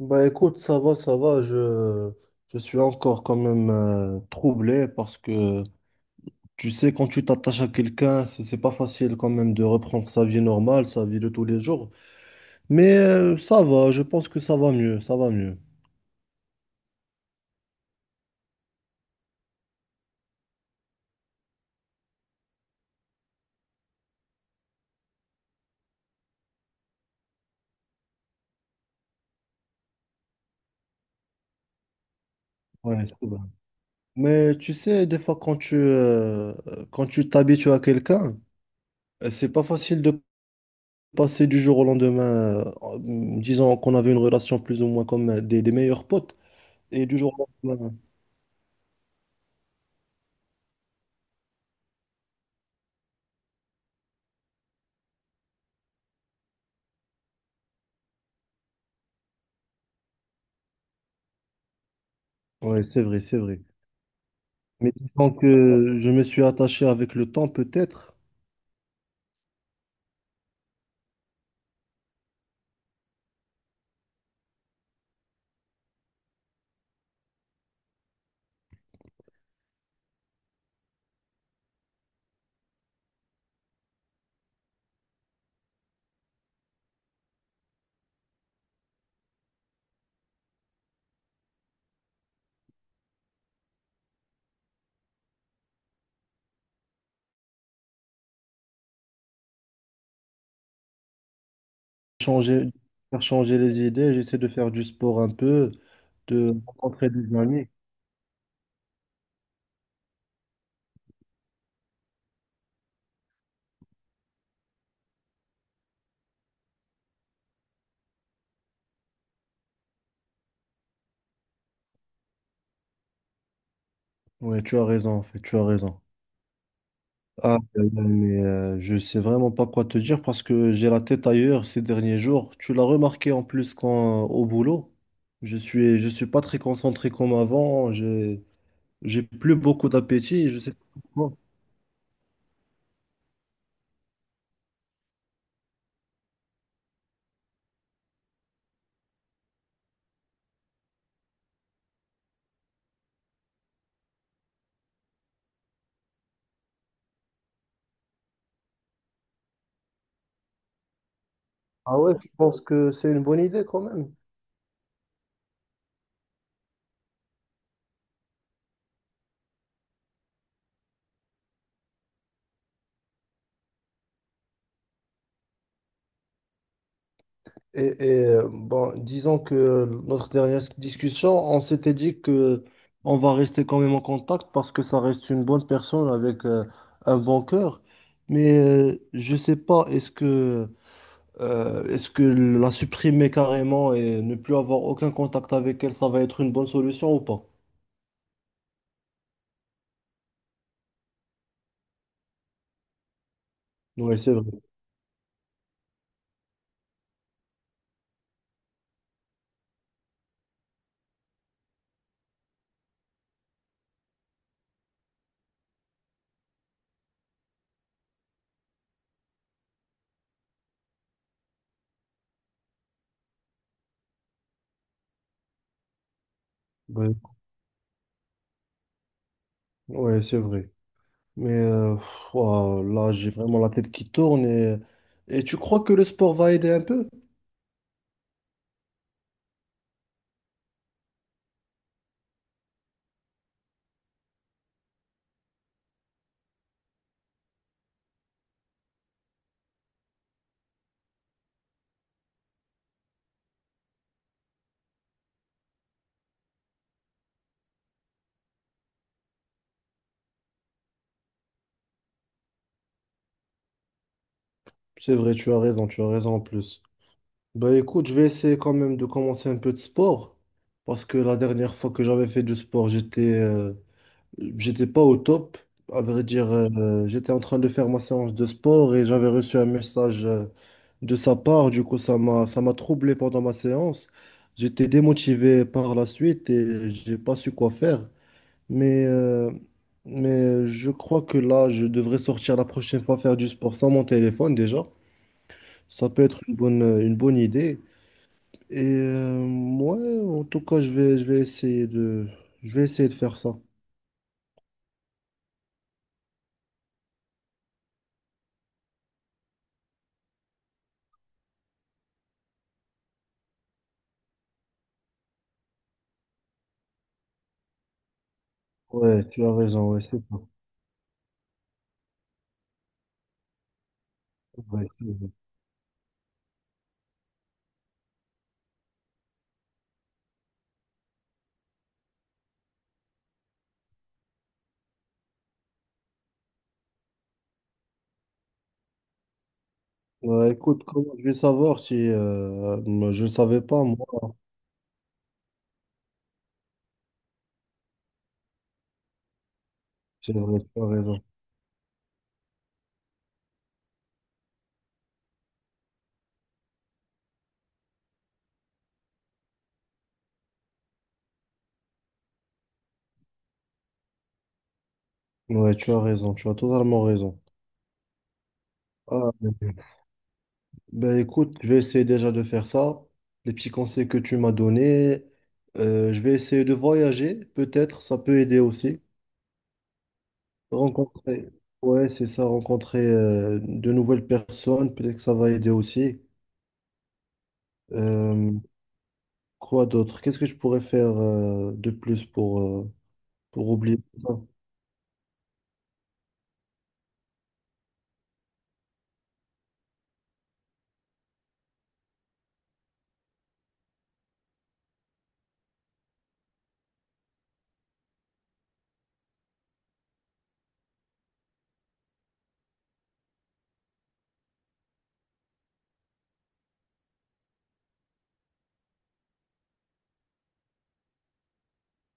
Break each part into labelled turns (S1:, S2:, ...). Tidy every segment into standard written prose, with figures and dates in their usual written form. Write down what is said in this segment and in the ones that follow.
S1: Bah écoute, ça va, je suis encore quand même troublé parce que tu sais, quand tu t'attaches à quelqu'un, c'est pas facile quand même de reprendre sa vie normale, sa vie de tous les jours. Mais ça va, je pense que ça va mieux, ça va mieux. Ouais, c'est vrai. Mais tu sais, des fois quand tu t'habitues à quelqu'un, c'est pas facile de passer du jour au lendemain, disons qu'on avait une relation plus ou moins comme des meilleurs potes, et du jour au lendemain. Ouais, c'est vrai, c'est vrai. Mais disons que je me suis attaché avec le temps, peut-être, changer, faire changer les idées, j'essaie de faire du sport un peu, de rencontrer des amis. Ouais, tu as raison, en fait, tu as raison. Mais je sais vraiment pas quoi te dire parce que j'ai la tête ailleurs ces derniers jours. Tu l'as remarqué en plus quand au boulot, je suis pas très concentré comme avant. J'ai plus beaucoup d'appétit. Je sais pas pourquoi. Ah ouais, je pense que c'est une bonne idée quand même. Bon, disons que notre dernière discussion, on s'était dit que on va rester quand même en contact parce que ça reste une bonne personne avec un bon cœur. Mais je sais pas, est-ce que la supprimer carrément et ne plus avoir aucun contact avec elle, ça va être une bonne solution ou pas? Ouais, c'est vrai. Ouais, ouais, c'est vrai. Mais pff, ouah, là, j'ai vraiment la tête qui tourne. Et tu crois que le sport va aider un peu? C'est vrai, tu as raison en plus. Bah écoute, je vais essayer quand même de commencer un peu de sport parce que la dernière fois que j'avais fait du sport, j'étais pas au top. À vrai dire, j'étais en train de faire ma séance de sport et j'avais reçu un message de sa part. Du coup, ça m'a troublé pendant ma séance. J'étais démotivé par la suite et j'ai pas su quoi faire. Mais euh, mais je crois que là, je devrais sortir la prochaine fois faire du sport sans mon téléphone déjà. Ça peut être une bonne idée. Et ouais, en tout cas, je vais essayer je vais essayer de faire ça. Ouais, tu as raison, ouais, c'est ça. Ouais, c'est vrai. Ouais, écoute, comment je vais savoir si moi, je ne savais pas, moi. C'est vrai, tu as raison. Ouais, tu as raison, tu as totalement raison. Ah, mais ben écoute, je vais essayer déjà de faire ça. Les petits conseils que tu m'as donnés, je vais essayer de voyager, peut-être, ça peut aider aussi. Rencontrer, ouais, c'est ça, rencontrer de nouvelles personnes, peut-être que ça va aider aussi. Euh, quoi d'autre? Qu'est-ce que je pourrais faire de plus pour oublier ça?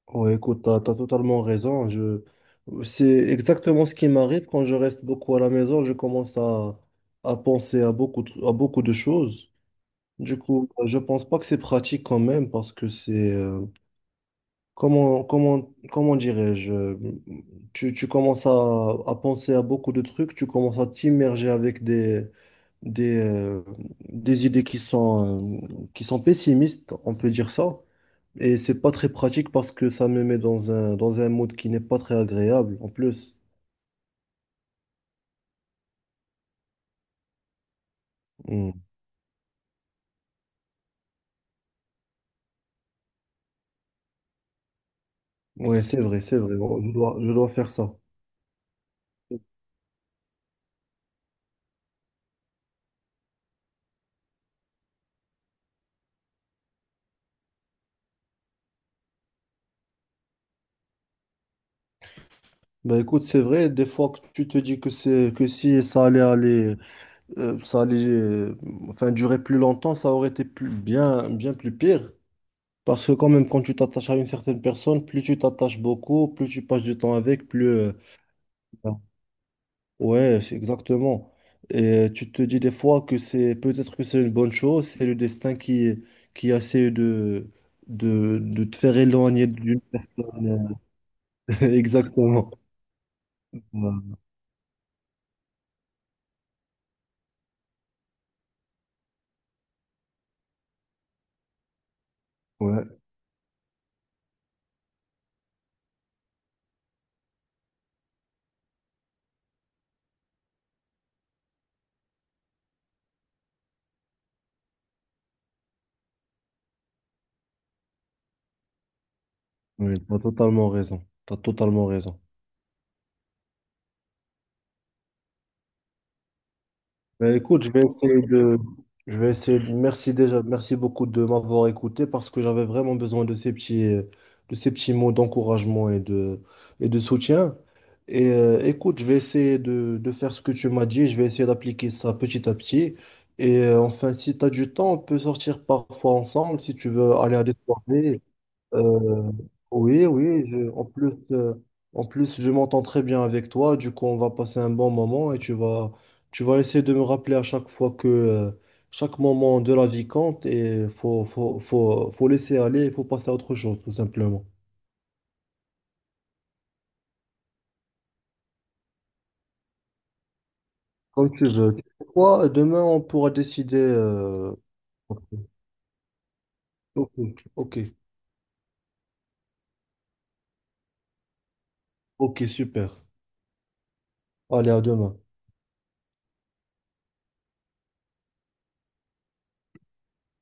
S1: Ouais, écoute, t'as totalement raison. Je... C'est exactement ce qui m'arrive quand je reste beaucoup à la maison. À penser à à beaucoup de choses. Du coup, je pense pas que c'est pratique quand même parce que c'est comment dirais-je, tu commences à penser à beaucoup de trucs, tu commences à t'immerger avec des, euh, des idées qui sont pessimistes, on peut dire ça. Et c'est pas très pratique parce que ça me met dans dans un mode qui n'est pas très agréable en plus. Mm. Ouais, c'est vrai, c'est vrai. Bon, je dois faire ça. Bah écoute, c'est vrai, des fois que tu te dis que c'est que si ça allait aller ça allait, enfin, durer plus longtemps, ça aurait été plus, bien, bien plus pire. Parce que quand même, quand tu t'attaches à une certaine personne, plus tu t'attaches beaucoup, plus tu passes du temps avec, plus... ouais, c'est exactement. Et tu te dis des fois que c'est peut-être que c'est une bonne chose, c'est le destin qui essaie de te faire éloigner d'une... Exactement. Ouais, ouais, tu as totalement raison. T'as totalement raison. Ben, écoute, je vais essayer de merci déjà, merci beaucoup de m'avoir écouté parce que j'avais vraiment besoin de ces petits mots d'encouragement et de soutien. Et écoute, je vais essayer de faire ce que tu m'as dit, je vais essayer d'appliquer ça petit à petit. Et enfin, si tu as du temps, on peut sortir parfois ensemble si tu veux aller à des soirées. Euh, oui, oui, je- en plus, je m'entends très bien avec toi, du coup, on va passer un bon moment et tu vas essayer de me rappeler à chaque fois que chaque moment de la vie compte et faut laisser aller, il faut passer à autre chose, tout simplement. Comme tu veux. Tu sais quoi, demain, on pourra décider. Ok, ok, ok, super. Allez, à demain.